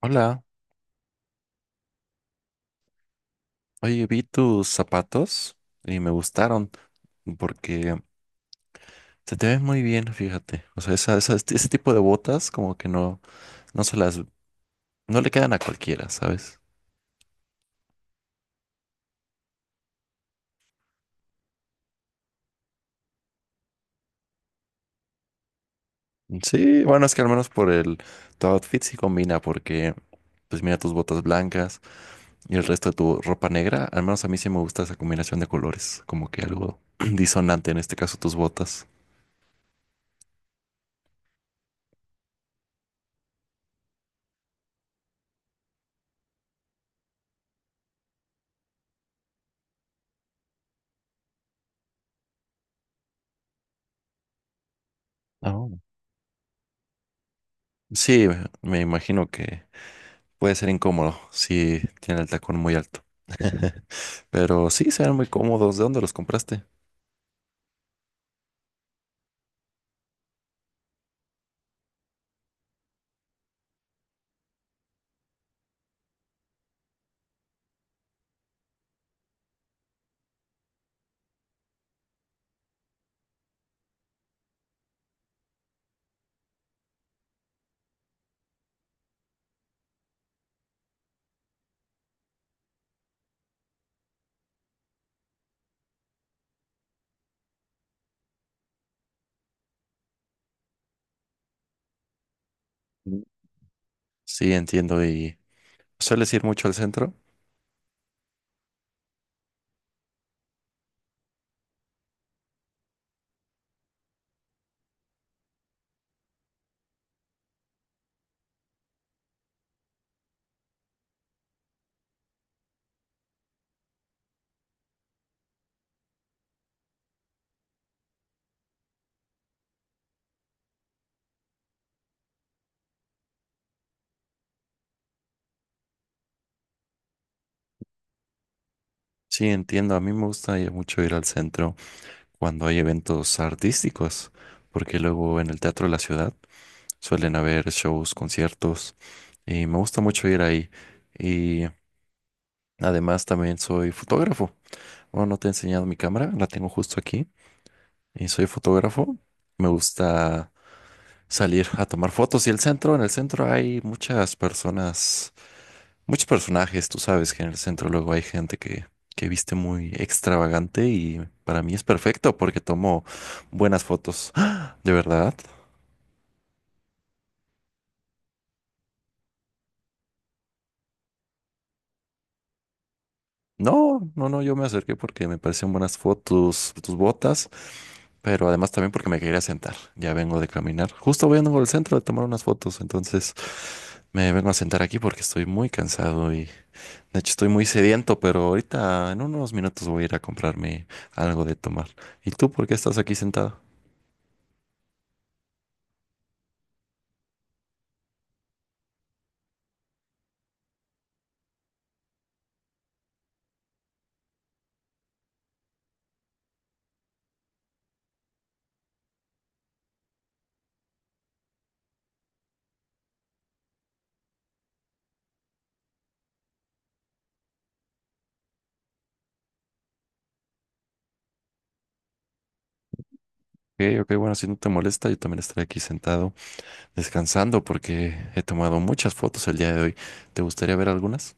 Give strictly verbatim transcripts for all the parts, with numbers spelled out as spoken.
Hola, oye, vi tus zapatos y me gustaron porque se te ven muy bien, fíjate. O sea, esa- esa- ese tipo de botas como que no, no se las, no le quedan a cualquiera, ¿sabes? Sí, bueno, es que al menos por el, tu outfit sí combina porque, pues mira tus botas blancas y el resto de tu ropa negra, al menos a mí sí me gusta esa combinación de colores, como que algo disonante, en este caso tus botas. Ah, bueno. Sí, me imagino que puede ser incómodo si tiene el tacón muy alto. Pero sí, se ven muy cómodos. ¿De dónde los compraste? Mm. Sí, entiendo. ¿Y sueles ir mucho al centro? Sí, entiendo. A mí me gusta ir- mucho ir al centro cuando hay eventos artísticos, porque luego en el Teatro de la Ciudad suelen haber shows, conciertos, y me gusta mucho ir ahí. Y además también soy fotógrafo. Bueno, no te he enseñado mi cámara, la tengo justo aquí, y soy fotógrafo. Me gusta salir a tomar fotos. Y el centro, en el centro hay muchas personas, muchos personajes. Tú sabes que en el centro luego hay gente que, que viste muy extravagante y para mí es perfecto porque tomo buenas fotos. ¡Ah! ¿De verdad? No, no, no, yo me acerqué porque me parecían buenas fotos, tus botas, pero además también porque me quería sentar. Ya vengo de caminar. Justo voy vengo al centro de tomar unas fotos, entonces me vengo a sentar aquí porque estoy muy cansado. Y de hecho, estoy muy sediento, pero ahorita en unos minutos voy a ir a comprarme algo de tomar. ¿Y tú por qué estás aquí sentado? Ok, ok, bueno, si no te molesta, yo también estaré aquí sentado descansando porque he tomado muchas fotos el día de hoy. ¿Te gustaría ver algunas?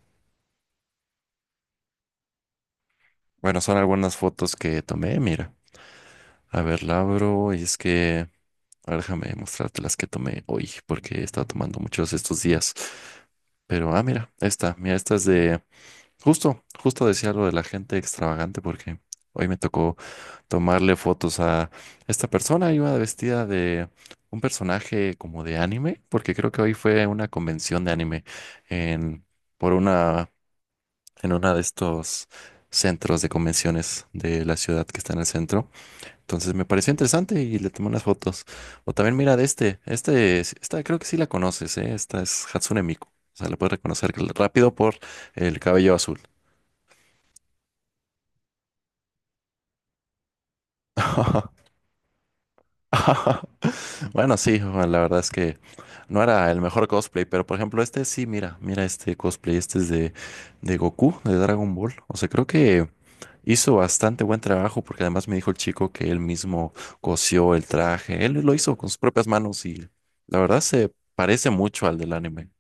Bueno, son algunas fotos que tomé, mira. A ver, la abro y es que... a ver, déjame mostrarte las que tomé hoy porque he estado tomando muchos estos días. Pero, ah, mira, esta, mira, esta es de... Justo, justo decía lo de la gente extravagante porque hoy me tocó tomarle fotos a esta persona. Iba vestida de un personaje como de anime, porque creo que hoy fue una convención de anime en por una en una de estos centros de convenciones de la ciudad que está en el centro. Entonces me pareció interesante y le tomé unas fotos. O también mira de este, este es- esta creo que sí la conoces, ¿eh? Esta es Hatsune Miku. O sea, la puedes reconocer rápido por el cabello azul. Bueno, sí, Juan, la verdad es que no era el mejor cosplay, pero por ejemplo este sí, mira, mira este cosplay, este es de, de Goku, de Dragon Ball. O sea, creo que hizo bastante buen trabajo porque además me dijo el chico que él mismo cosió el traje, él lo hizo con sus propias manos y la verdad se parece mucho al del anime.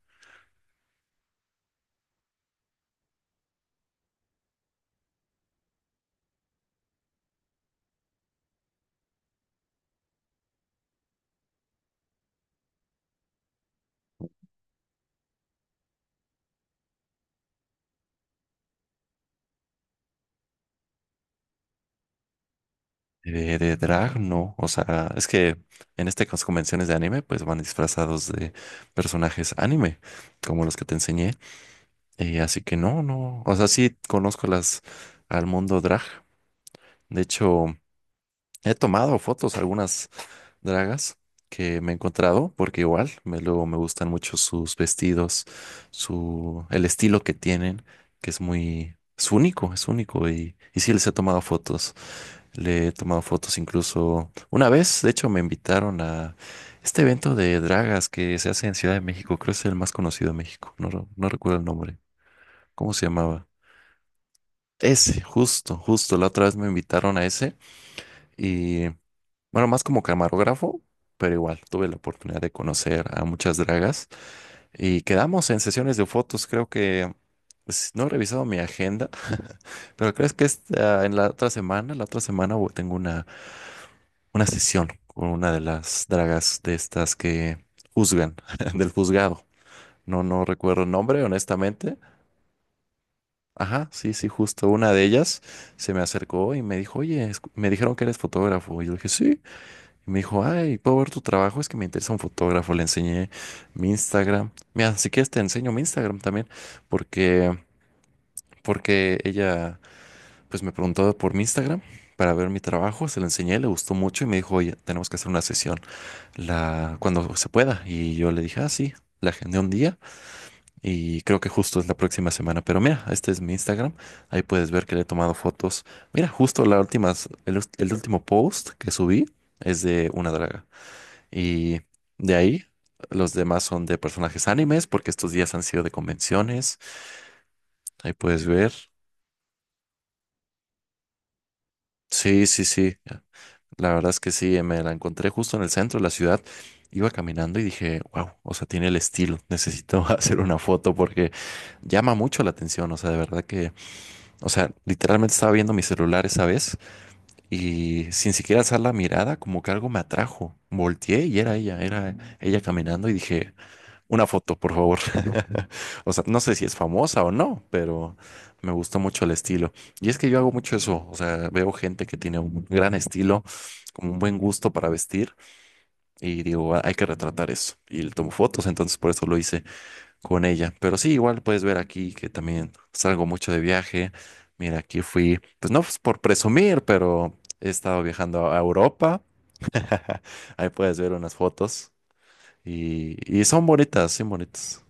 De, de drag, no, o sea, es que en este caso convenciones de anime pues van disfrazados de personajes anime, como los que te enseñé. Eh, así que no, no, o sea, sí conozco las al mundo drag. De hecho, he tomado fotos a algunas dragas que me he encontrado, porque igual me, luego me gustan mucho sus vestidos, su, el estilo que tienen, que es muy, es único, es único. Y, y sí les he tomado fotos. Le he tomado fotos incluso una vez. De hecho, me invitaron a este evento de dragas que se hace en Ciudad de México, creo que es el más conocido de México. No, no recuerdo el nombre. ¿Cómo se llamaba? Ese, justo, justo. La otra vez me invitaron a ese y, bueno, más como camarógrafo, pero igual tuve la oportunidad de conocer a muchas dragas y quedamos en sesiones de fotos. Creo que, pues, no he revisado mi agenda, pero crees que esta- en la otra semana, la otra semana voy- tengo una, una sesión con una de las dragas de estas que juzgan, del juzgado. No, no recuerdo el nombre, honestamente. Ajá, sí, sí, justo una de ellas se me acercó y me dijo, oye, escu- me dijeron que eres fotógrafo. Y yo dije, sí. Y me dijo, ay, ¿puedo ver tu trabajo? Es que me interesa un fotógrafo. Le enseñé mi Instagram. Mira, si quieres te enseño mi Instagram también, porque, porque ella, pues me preguntó por mi Instagram para ver mi trabajo. Se lo enseñé, le gustó mucho y me dijo, oye, tenemos que hacer una sesión la, cuando se pueda. Y yo le dije, ah, sí. La agendé un día. Y creo que justo es la próxima semana. Pero mira, este es mi Instagram. Ahí puedes ver que le he tomado fotos. Mira, justo la últimas, el, ult- el último post que subí es de una draga. Y de ahí, los demás son de personajes animes, porque estos días han sido de convenciones. Ahí puedes ver. Sí, sí, sí. La verdad es que sí, me la encontré justo en el centro de la ciudad. Iba caminando y dije, wow, o sea, tiene el estilo. Necesito hacer una foto porque llama mucho la atención. O sea, de verdad que... O sea, literalmente estaba viendo mi celular esa vez y sin siquiera alzar la mirada, como que algo me atrajo. Volteé y era ella, era ella caminando y dije, una foto, por favor. O sea, no sé si es famosa o no, pero me gustó mucho el estilo. Y es que yo hago mucho eso, o sea, veo gente que tiene un gran estilo, como un buen gusto para vestir y digo, "Ah, hay que retratar eso." Y le tomo fotos, entonces por eso lo hice con ella. Pero sí, igual puedes ver aquí que también salgo mucho de viaje. Mira, aquí fui, pues no es por presumir, pero he estado viajando a Europa. Ahí puedes ver unas fotos y, y son bonitas, son bonitas.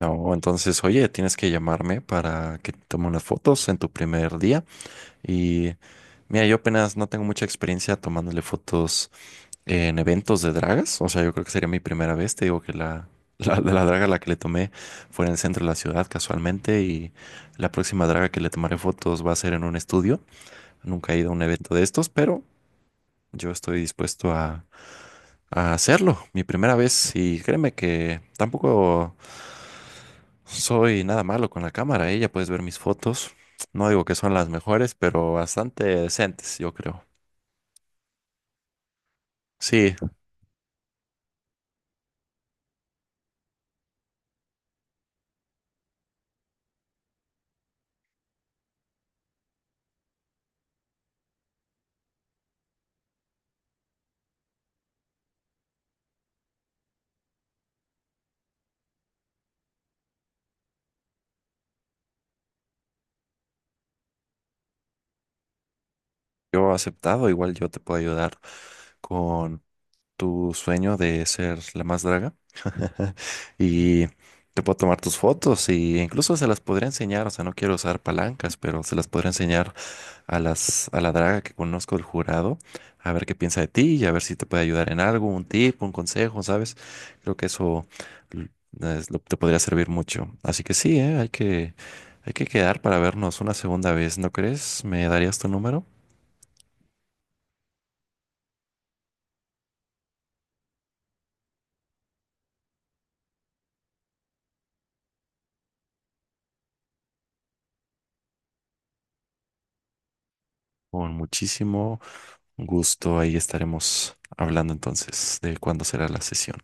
No, entonces, oye, tienes que llamarme para que te tome unas fotos en tu primer día. Y mira, yo apenas no tengo mucha experiencia tomándole fotos en eventos de dragas. O sea, yo creo que sería mi primera vez. Te digo que la, la, la draga a la que le tomé fue en el centro de la ciudad casualmente y la próxima draga que le tomaré fotos va a ser en un estudio. Nunca he ido a un evento de estos, pero yo estoy dispuesto a, a hacerlo. Mi primera vez, y créeme que tampoco soy nada malo con la cámara. Ella puedes ver mis fotos. No digo que son las mejores, pero bastante decentes, yo creo. Sí, yo aceptado. Igual yo te puedo ayudar tu sueño de ser la más draga y te puedo tomar tus fotos y incluso se las podría enseñar. O sea, no quiero usar palancas, pero se las podría enseñar a las a la draga que conozco del jurado, a ver qué piensa de ti y a ver si te puede ayudar en algo, un tip, un consejo, ¿sabes? Creo que eso l- es lo- te podría servir mucho. Así que sí, ¿eh? Hay que hay que quedar para vernos una segunda vez, ¿no crees? ¿Me darías tu número? Con muchísimo... Un gusto, ahí estaremos hablando entonces de cuándo será la sesión.